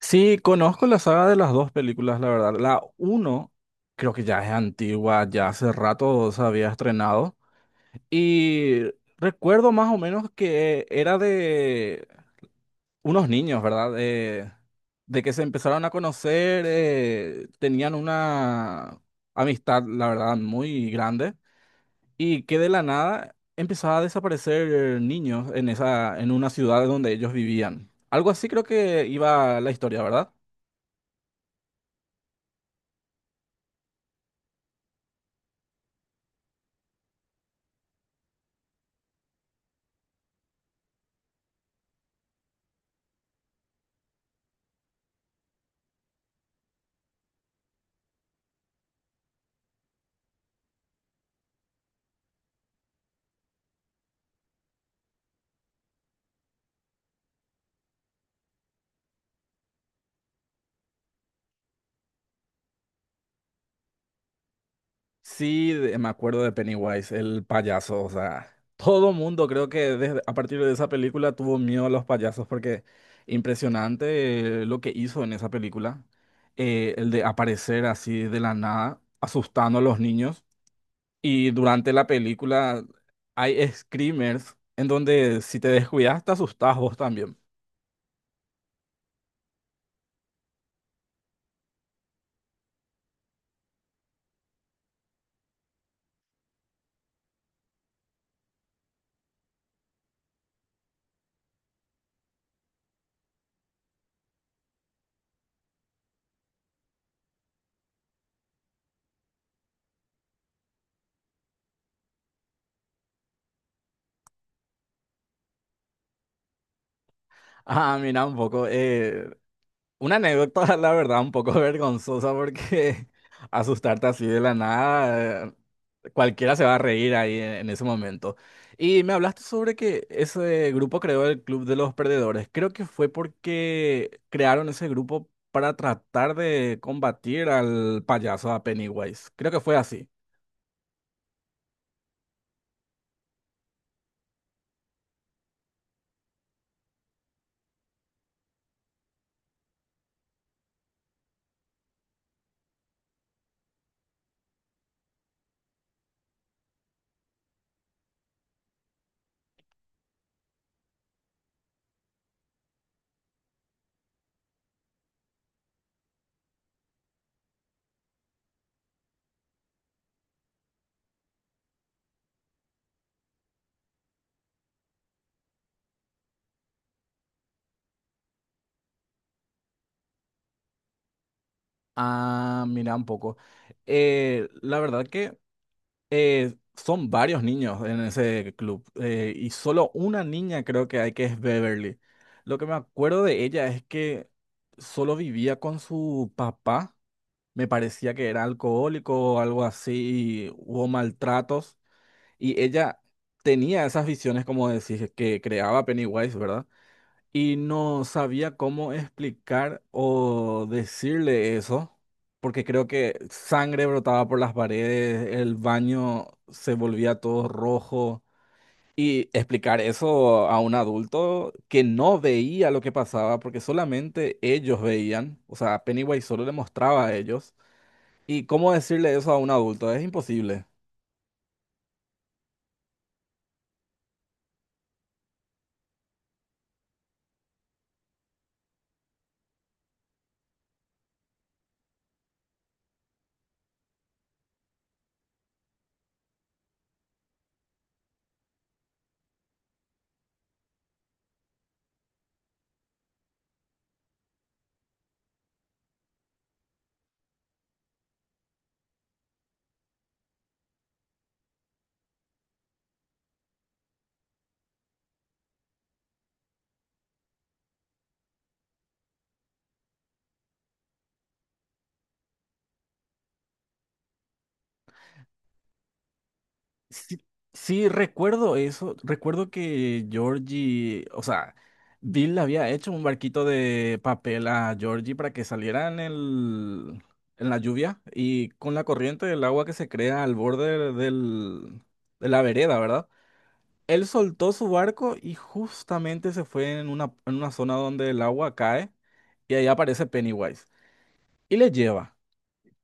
Sí, conozco la saga de las dos películas, la verdad. La uno creo que ya es antigua, ya hace rato se había estrenado. Y recuerdo más o menos que era de unos niños, ¿verdad? De que se empezaron a conocer, tenían una amistad, la verdad, muy grande. Y que de la nada empezaba a desaparecer niños en esa, en una ciudad donde ellos vivían. Algo así creo que iba la historia, ¿verdad? Sí, me acuerdo de Pennywise, el payaso, o sea, todo mundo creo que desde, a partir de esa película tuvo miedo a los payasos porque impresionante lo que hizo en esa película, el de aparecer así de la nada, asustando a los niños. Y durante la película hay screamers en donde si te descuidas te asustás vos también. Ah, mira un poco. Una anécdota, la verdad, un poco vergonzosa porque asustarte así de la nada, cualquiera se va a reír ahí en ese momento. Y me hablaste sobre que ese grupo creó el Club de los Perdedores. Creo que fue porque crearon ese grupo para tratar de combatir al payaso, a Pennywise. Creo que fue así. Ah, mira un poco. La verdad que... Son varios niños en ese club y solo una niña creo que hay que es Beverly. Lo que me acuerdo de ella es que solo vivía con su papá, me parecía que era alcohólico o algo así, y hubo maltratos y ella tenía esas visiones como decís que creaba Pennywise, ¿verdad? Y no sabía cómo explicar o decirle eso, porque creo que sangre brotaba por las paredes, el baño se volvía todo rojo. Y explicar eso a un adulto que no veía lo que pasaba, porque solamente ellos veían, o sea, Pennywise solo le mostraba a ellos. ¿Y cómo decirle eso a un adulto? Es imposible. Sí, sí, recuerdo eso. Recuerdo que Georgie, o sea, Bill le había hecho un barquito de papel a Georgie para que saliera en el, en la lluvia y con la corriente del agua que se crea al borde del, de la vereda, ¿verdad? Él soltó su barco y justamente se fue en una zona donde el agua cae y ahí aparece Pennywise y le lleva.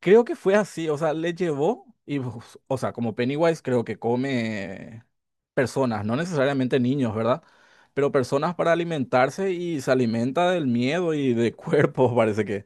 Creo que fue así, o sea, le llevó y, pues, o sea, como Pennywise creo que come personas, no necesariamente niños, ¿verdad? Pero personas para alimentarse y se alimenta del miedo y de cuerpos, parece que.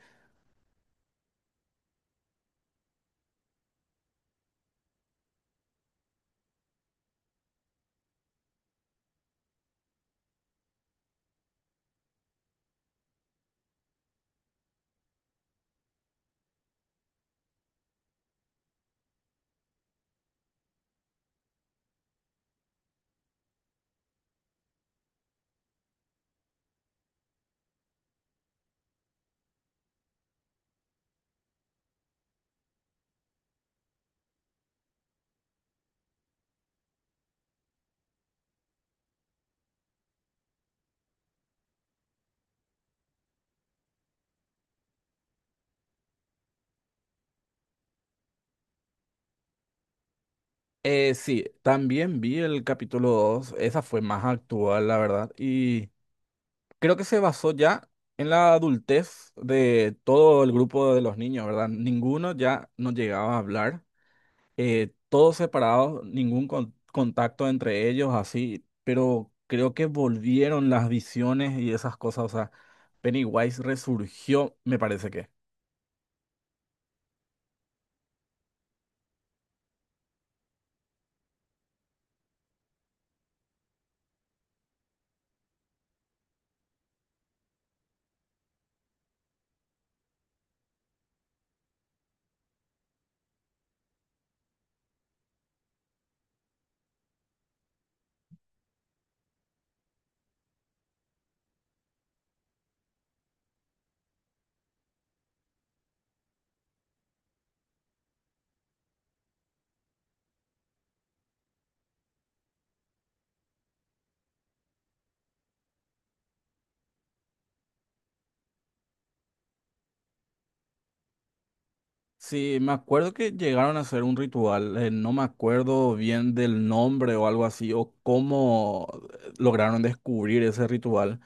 Sí, también vi el capítulo 2, esa fue más actual, la verdad, y creo que se basó ya en la adultez de todo el grupo de los niños, ¿verdad? Ninguno ya no llegaba a hablar. Todos separados, contacto entre ellos, así, pero creo que volvieron las visiones y esas cosas, o sea, Pennywise resurgió, me parece que. Sí, me acuerdo que llegaron a hacer un ritual, no me acuerdo bien del nombre o algo así, o cómo lograron descubrir ese ritual.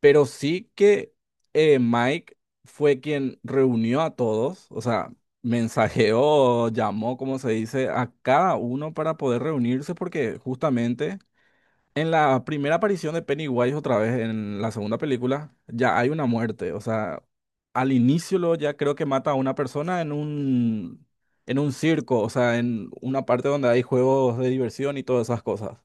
Pero sí que Mike fue quien reunió a todos, o sea, mensajeó, llamó, como se dice, a cada uno para poder reunirse, porque justamente en la primera aparición de Pennywise, otra vez en la segunda película, ya hay una muerte, o sea, al inicio lo ya creo que mata a una persona en un circo, o sea, en una parte donde hay juegos de diversión y todas esas cosas.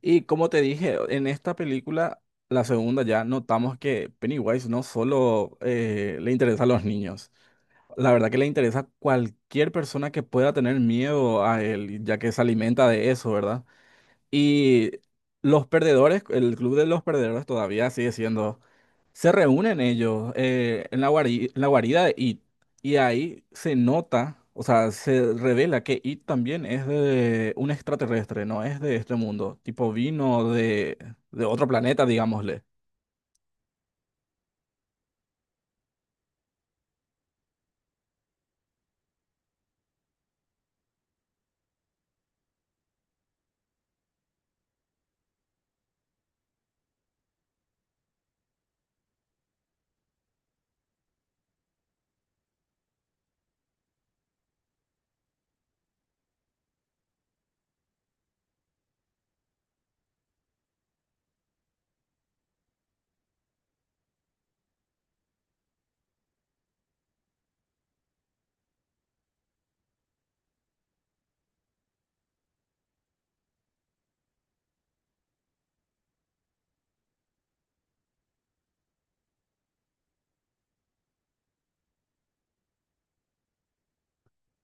Y como te dije, en esta película, la segunda ya, notamos que Pennywise no solo le interesa a los niños, la verdad que le interesa a cualquier persona que pueda tener miedo a él, ya que se alimenta de eso, ¿verdad? Y los perdedores, el club de los perdedores todavía sigue siendo se reúnen ellos en la en la guarida de It y ahí se nota, o sea, se revela que It también es de un extraterrestre, no es de este mundo, tipo vino de otro planeta, digámosle.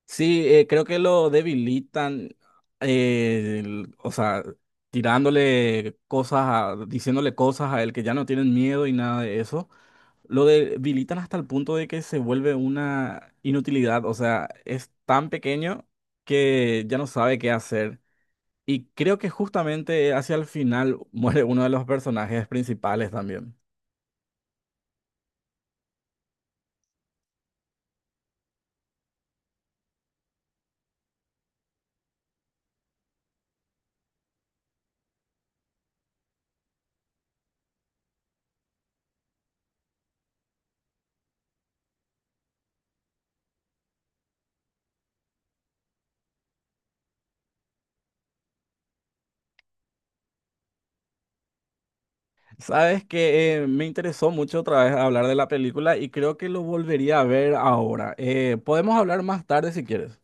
Sí, creo que lo debilitan, el- o sea, tirándole cosas, a- diciéndole cosas a él que ya no tienen miedo y nada de eso. Lo debilitan hasta el punto de que se vuelve una inutilidad, o sea, es tan pequeño que ya no sabe qué hacer. Y creo que justamente hacia el final muere uno de los personajes principales también. Sabes que me interesó mucho otra vez hablar de la película y creo que lo volvería a ver ahora. Podemos hablar más tarde si quieres.